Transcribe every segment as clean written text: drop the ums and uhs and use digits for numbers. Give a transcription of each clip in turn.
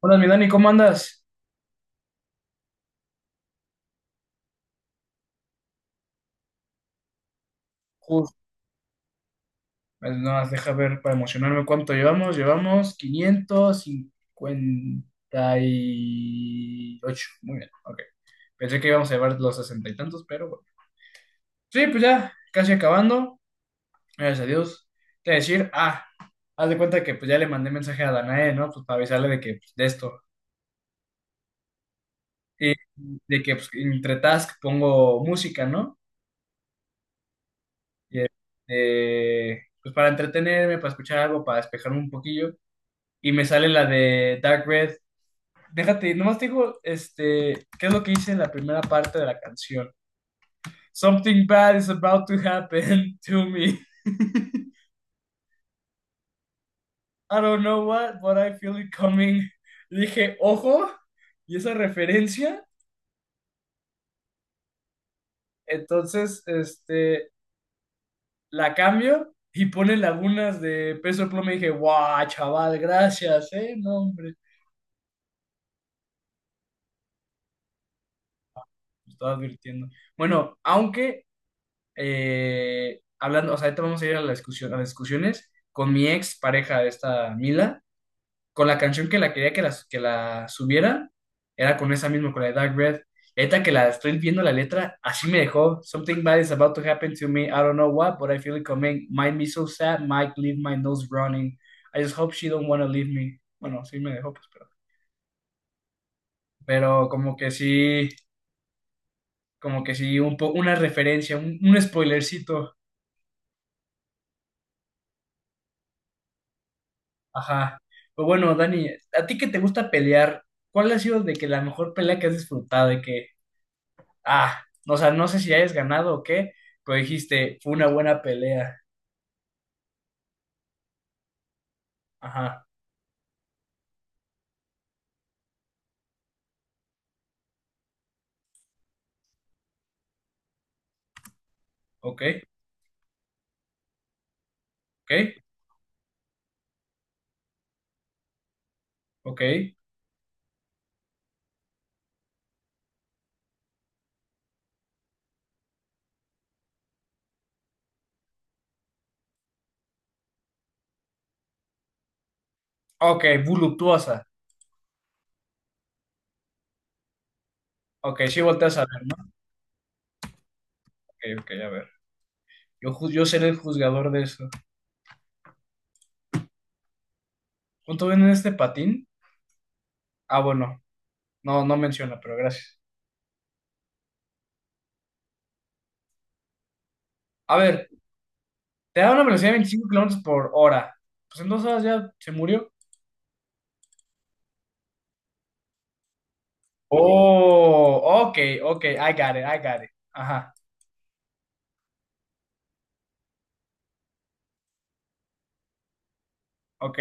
Hola, mi Dani, ¿cómo andas? Uf, pues nada más deja ver para emocionarme cuánto llevamos. Llevamos 558. Muy bien, ok. Pensé que íbamos a llevar los sesenta y tantos, pero bueno. Sí, pues ya, casi acabando. Gracias a Dios. Te voy a decir, haz de cuenta que pues ya le mandé mensaje a Danae, ¿no? Pues para avisarle de que, pues, de esto. Y de que, pues, entre task pongo música, ¿no? Y, pues para entretenerme, para escuchar algo, para despejarme un poquillo. Y me sale la de Dark Red. Déjate, nomás te digo, ¿qué es lo que hice en la primera parte de la canción? Something bad is about to happen to me. I don't know what, but I feel it coming. Dije, ojo, y esa referencia, entonces, la cambio y pone lagunas de peso pluma y dije, guau, chaval, gracias, no, hombre, me estaba advirtiendo. Bueno, aunque hablando, o sea, ahorita vamos a ir a la discusión, a las discusiones con mi ex pareja, esta Mila, con la canción que la quería que la subiera, era con esa misma, con la de Dark Red. Y ahorita que la estoy viendo la letra, así me dejó. Something bad is about to happen to me. I don't know what, but I feel it coming. Mind me so sad, Mike, leave my nose running. I just hope she don't wanna leave me. Bueno, sí me dejó, pues, pero como que sí, una referencia, un spoilercito. Ajá. Pero bueno, Dani, a ti que te gusta pelear, ¿cuál ha sido de que la mejor pelea que has disfrutado? De que, o sea, no sé si hayas ganado o qué, pero dijiste, fue una buena pelea. Ajá, ok, ok, ok, ok, voluptuosa. Ok, sí volteas a ver, ¿no? Ok, ok, a ver. Yo seré el juzgador de eso. ¿Cuánto ven en este patín? Bueno, no, no menciona, pero gracias. A ver, te da una velocidad de 25 kilómetros por hora. Pues en 2 horas ya se murió. Oh, ok, ok, I got it, I got it. Ajá, ok,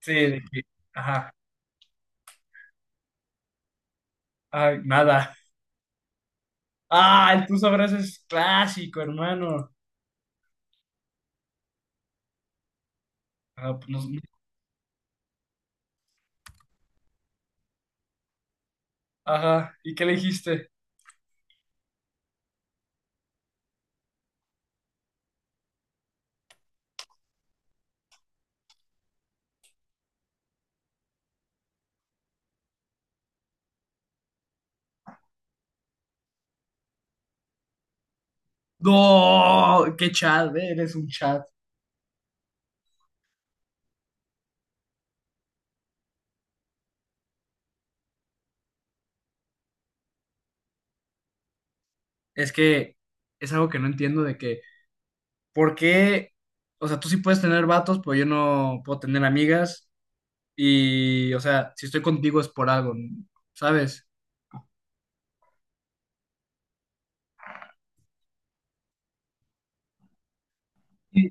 sí, ajá, ay, nada. Ah, el tú sabrás es clásico, hermano. Ah, pues, ajá, ¿y qué le dijiste? No, qué chat, eres un chat. Es que es algo que no entiendo de que, ¿por qué? O sea, tú sí puedes tener vatos, pero yo no puedo tener amigas. Y, o sea, si estoy contigo es por algo, ¿sabes? Sí,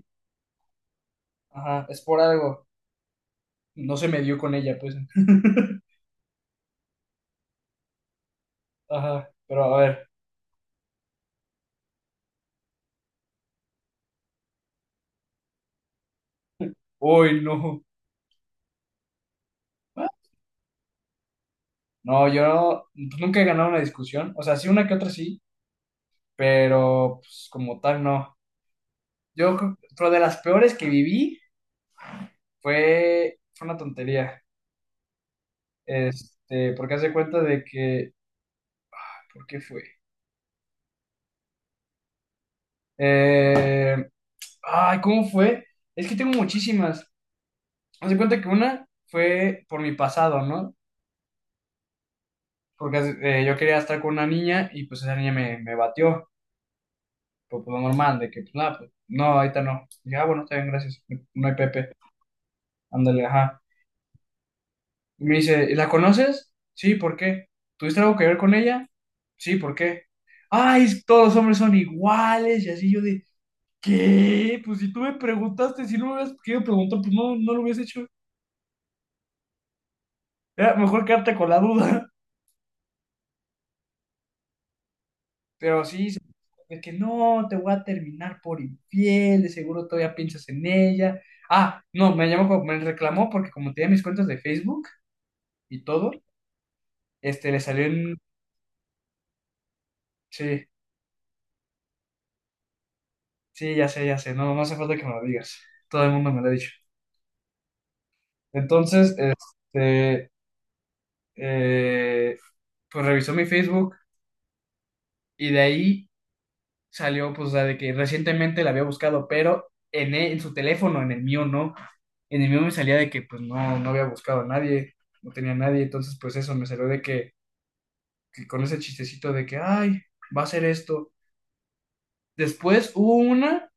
ajá, es por algo. No se me dio con ella, pues. Ajá, pero a ver, uy, no. No, yo pues, nunca he ganado una discusión, o sea, sí una que otra sí, pero pues como tal no. Pero de las peores que viví fue una tontería, porque hace cuenta de que, ¿por qué fue? Eh, ay, ¿cómo fue? Es que tengo muchísimas. Haz de cuenta que una fue por mi pasado, ¿no? Porque yo quería estar con una niña y pues esa niña me batió. Normal, de que, pues, nada, pues, no, ahorita no. Y dije, bueno, está bien, gracias. No hay Pepe. Ándale, ajá. Y me dice, ¿y la conoces? Sí, ¿por qué? ¿Tuviste algo que ver con ella? Sí, ¿por qué? Ay, todos los hombres son iguales. Y así yo de, ¿qué? Pues si tú me preguntaste, si no me hubieras querido preguntar, pues no, no lo hubiese hecho. Era mejor quedarte con la duda. Pero sí, de que no, te voy a terminar por infiel, de seguro todavía piensas en ella. No, me llamó, me reclamó porque como tenía mis cuentas de Facebook. Y todo, le salió en... Sí, sí, ya sé, no, no hace falta que me lo digas, todo el mundo me lo ha dicho. Entonces, eh, pues revisó mi Facebook y de ahí salió, pues, la de que recientemente la había buscado, pero en su teléfono, en el mío no, en el mío me salía de que, pues, no, no había buscado a nadie, no tenía a nadie, entonces, pues, eso, me salió de que con ese chistecito de que, ay, va a ser esto. Después hubo una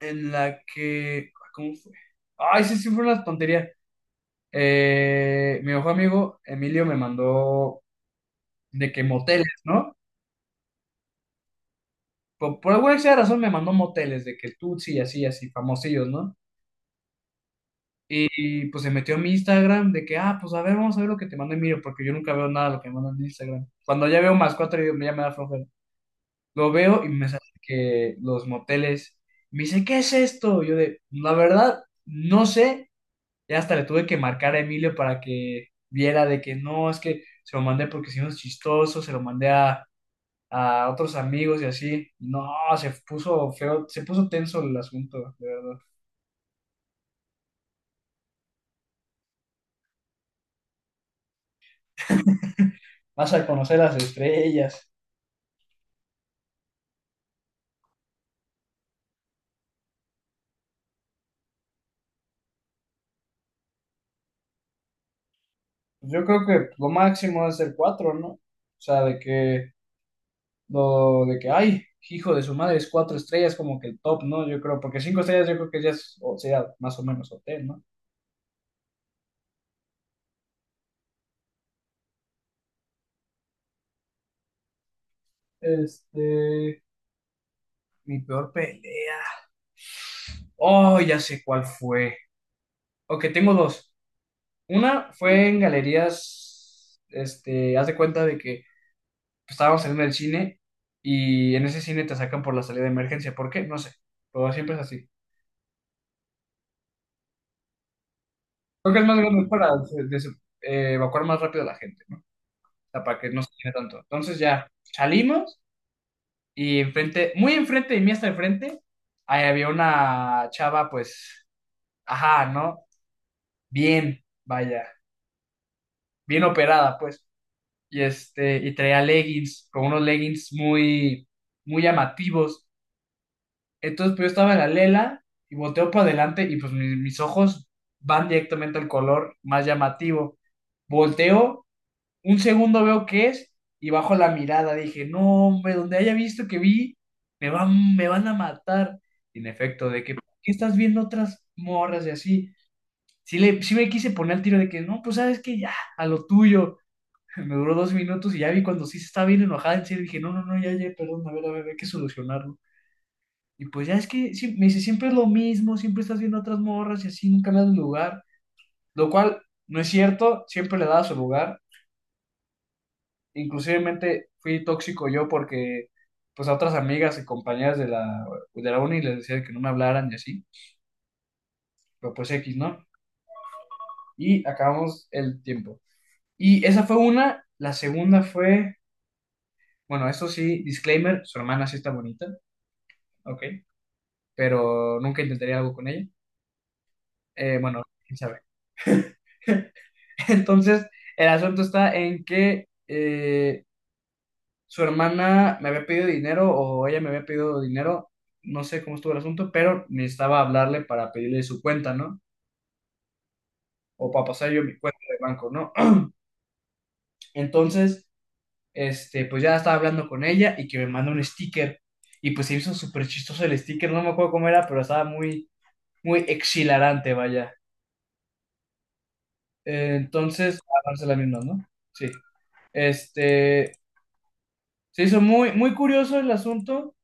en la que. ¿Cómo fue? Ay, sí, sí, fue una tontería. Mi mejor amigo Emilio me mandó de que moteles, ¿no? Por alguna extraña razón me mandó moteles, de que Tutsi y así, así, famosillos, ¿no? Pues se metió a mi Instagram de que, ah, pues a ver, vamos a ver lo que te manda Emilio, porque yo nunca veo nada de lo que me mandan en Instagram. Cuando ya veo más cuatro, ya me da flojera. Lo veo y me sale que los moteles. Me dice, ¿qué es esto? Yo de, la verdad, no sé. Ya hasta le tuve que marcar a Emilio para que viera de que no, es que se lo mandé porque si no es chistoso, se lo mandé a otros amigos y así. No, se puso feo, se puso tenso el asunto, de verdad. Vas a conocer las estrellas. Pues yo creo que lo máximo es el cuatro, ¿no? O sea, de que, lo, de que, ay, hijo de su madre, es cuatro estrellas como que el top, ¿no? Yo creo, porque cinco estrellas yo creo que ya es, o sea, más o menos hotel, ¿no? Este, Mi peor pelea. Oh, ya sé cuál fue. Ok, tengo dos. Una fue en galerías, haz de cuenta de que pues, estábamos saliendo del cine y en ese cine te sacan por la salida de emergencia. ¿Por qué? No sé, pero siempre es así. Creo que es más grande para evacuar más rápido a la gente, ¿no? O sea, para que no se llene tanto. Entonces ya salimos y enfrente, muy enfrente de mí hasta enfrente, ahí había una chava, pues, ajá, ¿no? Bien, vaya, bien operada, pues. Y traía leggings, con unos leggings muy, muy llamativos. Entonces, pues yo estaba en la lela y volteo para adelante y pues mis ojos van directamente al color más llamativo. Volteo, un segundo veo qué es y bajo la mirada. Dije, no, hombre, donde haya visto que vi, me van a matar. Y en efecto, de que, ¿por qué estás viendo otras morras y así? Sí, sí me quise poner el tiro de que, no, pues sabes que ya, a lo tuyo. Me duró 2 minutos y ya vi cuando sí se estaba bien enojada, en serio, dije, no, no, no, ya, ya, perdón, a ver, hay que solucionarlo. Y pues ya es que sí, me dice, siempre es lo mismo, siempre estás viendo a otras morras y así, nunca le das lugar, lo cual no es cierto, siempre le daba su lugar. Inclusivemente fui tóxico yo porque pues a otras amigas y compañeras de la, uni les decía que no me hablaran y así, pero pues X, ¿no? Y acabamos el tiempo. Y esa fue una, la segunda fue, bueno, eso sí, disclaimer, su hermana sí está bonita, ok. Pero nunca intentaría algo con ella. Bueno, quién sabe. Entonces, el asunto está en que su hermana me había pedido dinero o ella me había pedido dinero, no sé cómo estuvo el asunto, pero necesitaba hablarle para pedirle su cuenta, ¿no? O para pasar yo mi cuenta de banco, ¿no? Entonces, pues ya estaba hablando con ella y que me manda un sticker. Y pues se hizo súper chistoso el sticker, no me acuerdo cómo era, pero estaba muy, muy exhilarante, vaya. Entonces, a darse la misma, ¿no? Sí. Este, se hizo muy, muy curioso el asunto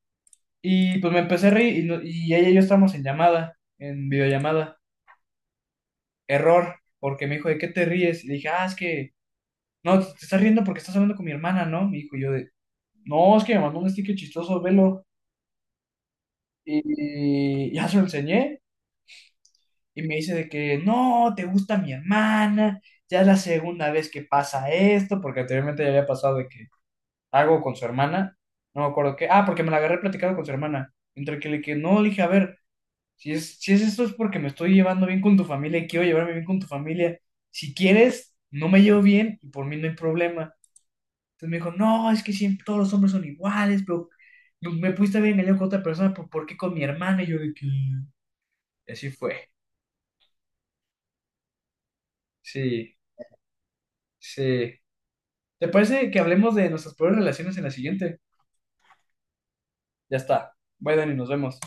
y pues me empecé a reír y, no- y ella y yo estábamos en llamada, en videollamada. Error, porque me dijo, ¿de qué te ríes? Y le dije, es que, no, te estás riendo porque estás hablando con mi hermana, ¿no? Me dijo, y yo de, no, es que me mandó un sticker chistoso, velo. Y ya se lo enseñé y me dice de que, no, te gusta mi hermana, ya es la segunda vez que pasa esto, porque anteriormente ya había pasado de que hago con su hermana. No me acuerdo qué. Porque me la agarré platicando con su hermana. Entre que le que no, le dije, a ver, si es, esto es porque me estoy llevando bien con tu familia y quiero llevarme bien con tu familia. Si quieres, no me llevo bien y por mí no hay problema. Entonces me dijo, no, es que siempre todos los hombres son iguales, pero me pudiste haber engañado con otra persona, pero ¿por qué con mi hermana? Y yo de que. Y así fue. Sí, sí. ¿Te parece que hablemos de nuestras peores relaciones en la siguiente? Ya está. Bye, Dani, nos vemos.